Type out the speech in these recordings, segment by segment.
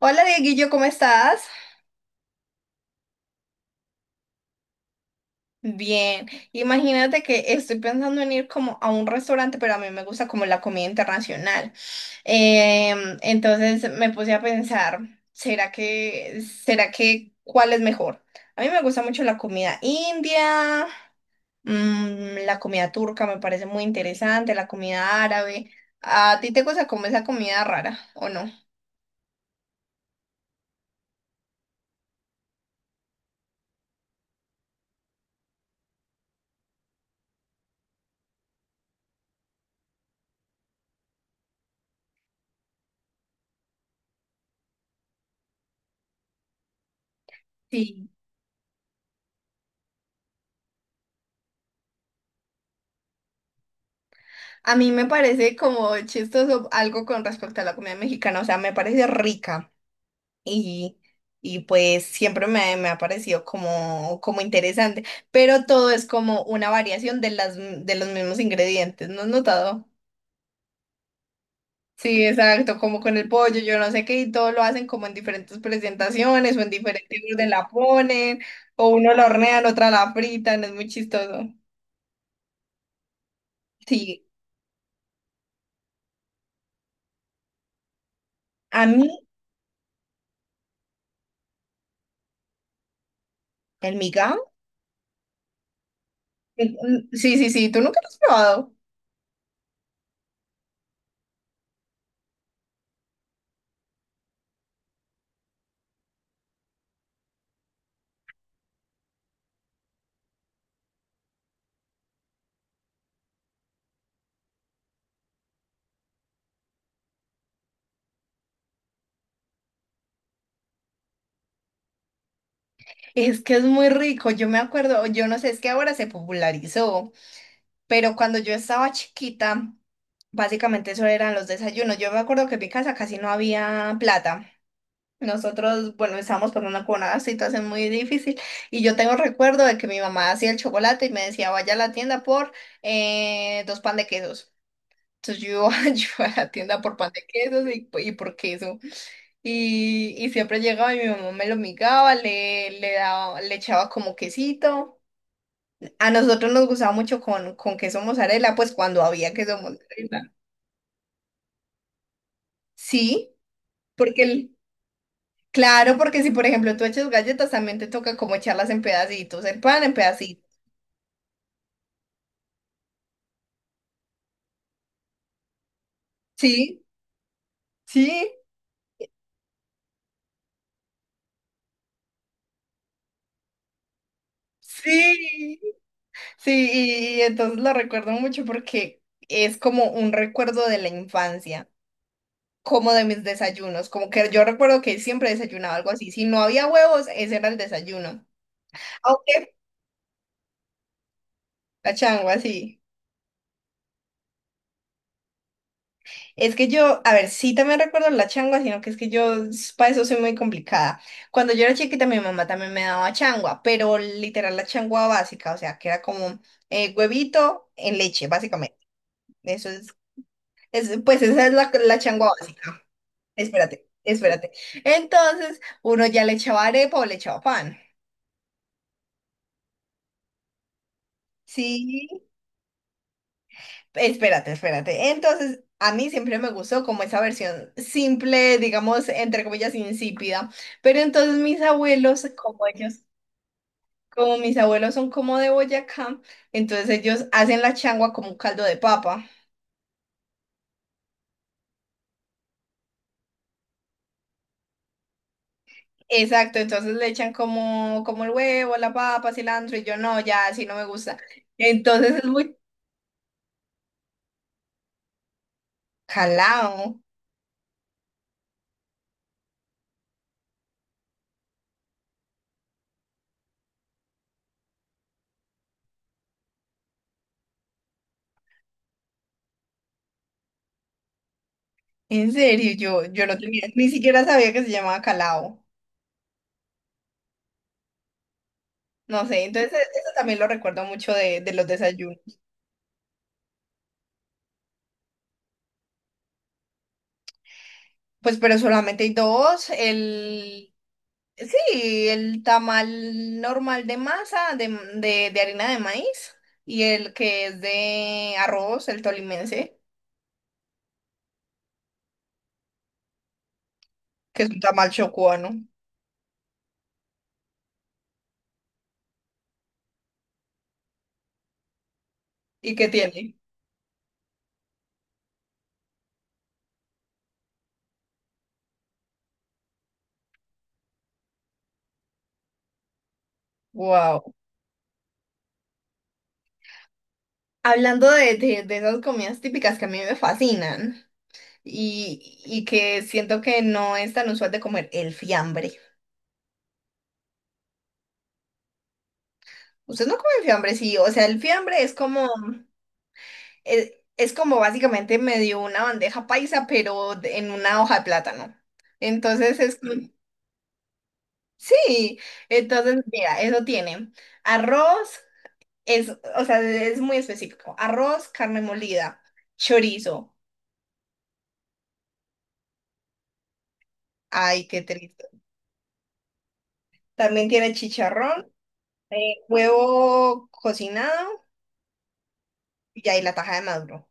Hola Dieguillo, ¿cómo estás? Bien, imagínate que estoy pensando en ir como a un restaurante, pero a mí me gusta como la comida internacional. Entonces me puse a pensar, ¿será que cuál es mejor? A mí me gusta mucho la comida india, mm, la comida turca me parece muy interesante, la comida árabe. ¿A ti te gusta como esa comida rara o no? Sí. A mí me parece como chistoso algo con respecto a la comida mexicana, o sea, me parece rica y, y pues siempre me ha parecido como, como interesante, pero todo es como una variación de las, de los mismos ingredientes, ¿no has notado? Sí, exacto, como con el pollo, yo no sé qué, y todo lo hacen como en diferentes presentaciones o en diferentes orden la ponen, o uno la hornean, otra la fritan, es muy chistoso. Sí, a mí el migao, mm, sí, sí, sí, tú nunca lo has probado. Es que es muy rico, yo me acuerdo, yo no sé, es que ahora se popularizó, pero cuando yo estaba chiquita, básicamente eso eran los desayunos. Yo me acuerdo que en mi casa casi no había plata. Nosotros, bueno, estábamos pasando por una con una situación muy difícil y yo tengo recuerdo de que mi mamá hacía el chocolate y me decía, vaya a la tienda por dos pan de quesos. Entonces yo, yo iba a la tienda por pan de quesos y por queso. Y siempre llegaba y mi mamá me lo migaba, le daba, le echaba como quesito. A nosotros nos gustaba mucho con queso mozzarella, pues cuando había queso mozzarella. Sí, porque el- claro, porque si por ejemplo tú echas galletas, también te toca como echarlas en pedacitos, el pan en pedacitos. Sí, sí, sí. Sí, y entonces lo recuerdo mucho porque es como un recuerdo de la infancia. Como de mis desayunos, como que yo recuerdo que siempre desayunaba algo así, si no había huevos, ese era el desayuno, aunque la changua, sí. Es que yo, a ver, sí también recuerdo la changua, sino que es que para eso soy muy complicada. Cuando yo era chiquita, mi mamá también me daba changua, pero literal la changua básica, o sea, que era como huevito en leche, básicamente. Eso es, pues esa es la, la changua básica. Espérate, espérate. Entonces, uno ya le echaba arepa o le echaba pan. Sí, espérate, espérate. Entonces, a mí siempre me gustó como esa versión simple, digamos, entre comillas, insípida. Pero entonces mis abuelos, como ellos, como mis abuelos son como de Boyacá, entonces ellos hacen la changua como un caldo de papa. Exacto, entonces le echan como, como el huevo, la papa, cilantro, y yo no, ya así no me gusta. Entonces es muy calao. En serio, yo no tenía, ni siquiera sabía que se llamaba calao. No sé, entonces eso también lo recuerdo mucho de los desayunos. Pues, pero solamente hay dos. El, sí, el tamal normal de masa, de harina de maíz, y el que es de arroz, el tolimense, que es un tamal chocuano. ¿Y qué tiene? Wow. Hablando de esas comidas típicas que a mí me fascinan y que siento que no es tan usual de comer, el fiambre. ¿Usted no come fiambre? Sí, o sea, el fiambre es como básicamente me dio una bandeja paisa, en una hoja de plátano. Entonces es como, mm. Sí, entonces mira, eso tiene arroz, es, o sea, es muy específico. Arroz, carne molida, chorizo. Ay, qué triste. También tiene chicharrón, huevo cocinado y ahí la taja de maduro.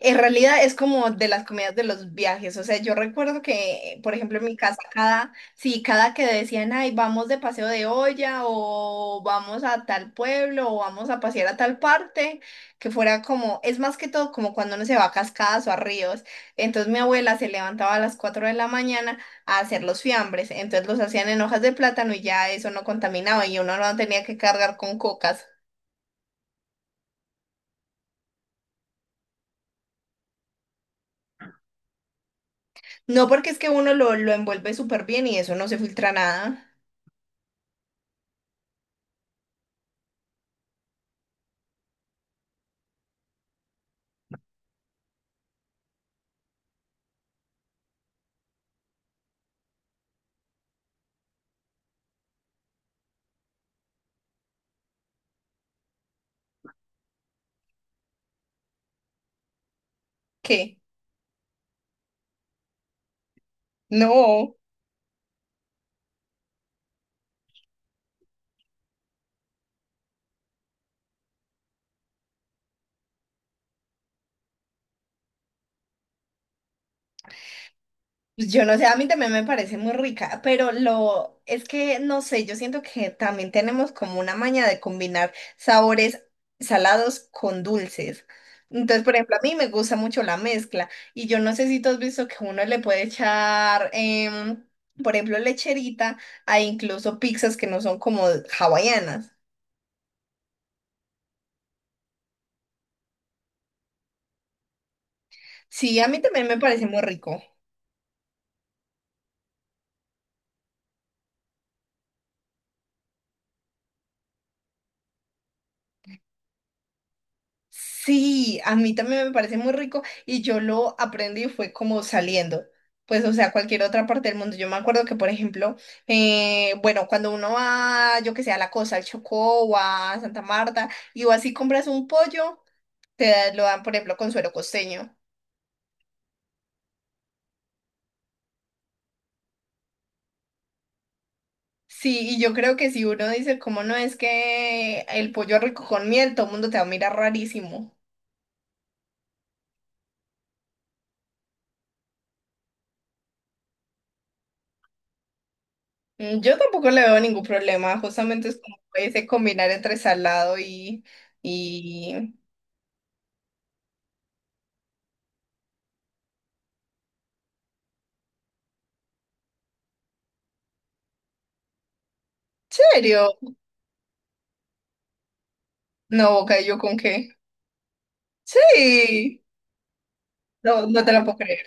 En realidad es como de las comidas de los viajes, o sea, yo recuerdo que, por ejemplo, en mi casa, cada, sí, cada que decían, ay, vamos de paseo de olla o vamos a tal pueblo o vamos a pasear a tal parte, que fuera como, es más que todo como cuando uno se va a cascadas o a ríos, entonces mi abuela se levantaba a las 4 de la mañana a hacer los fiambres, entonces los hacían en hojas de plátano y ya eso no contaminaba y uno no tenía que cargar con cocas, no porque es que uno lo envuelve súper bien y eso no se filtra nada. ¿Qué? No, pues yo no sé, a mí también me parece muy rica, pero lo es que no sé, yo siento que también tenemos como una maña de combinar sabores salados con dulces. Entonces, por ejemplo, a mí me gusta mucho la mezcla y yo no sé si tú has visto que uno le puede echar, por ejemplo, lecherita a incluso pizzas que no son como hawaianas. Sí, a mí también me parece muy rico. Sí, a mí también me parece muy rico y yo lo aprendí fue como saliendo, pues o sea, cualquier otra parte del mundo. Yo me acuerdo que, por ejemplo, bueno, cuando uno va, yo que sé, a La costa al Chocó o a Santa Marta y o así compras un pollo, lo dan, por ejemplo, con suero costeño. Sí, y yo creo que si uno dice, ¿cómo no es que el pollo rico con miel, todo el mundo te va a mirar rarísimo? Mm, yo tampoco le veo ningún problema, justamente es como ese combinar entre salado y... Y, ¿serio? No, boca, ¿y yo con qué? Sí. No, no te la puedo creer.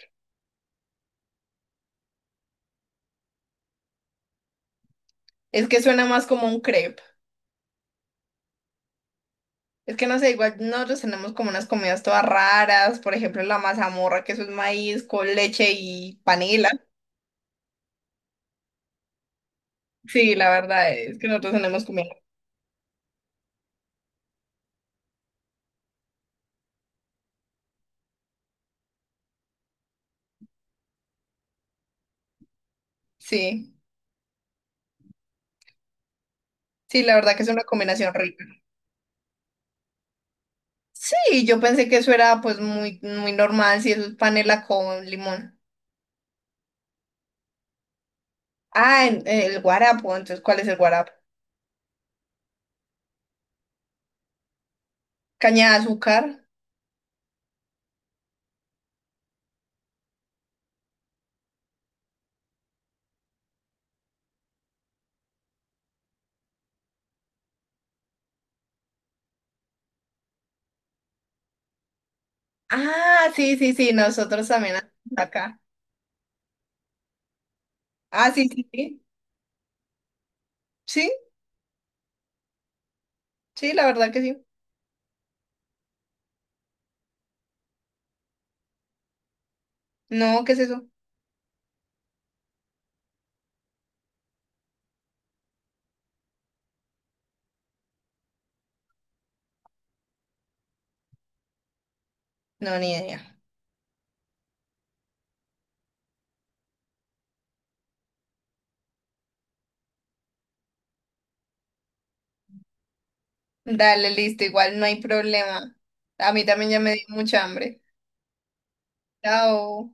Es que suena más como un crepe. Es que no sé, igual nosotros tenemos como unas comidas todas raras, por ejemplo, la mazamorra, que eso es maíz con leche y panela. Sí, la verdad es que nosotros tenemos comida. Sí, sí, la verdad que es una combinación rica. Sí, yo pensé que eso era pues muy, muy normal, si eso es panela con limón. El guarapo, entonces, ¿cuál es el guarapo? Caña de azúcar. Ah, sí, sí, sí, nosotros también hacemos acá. Ah, sí, sí, sí. Sí, sí, la verdad que sí. No, ¿qué es eso? No, ni idea. Dale, listo, igual no hay problema. A mí también ya me dio mucha hambre. Chao.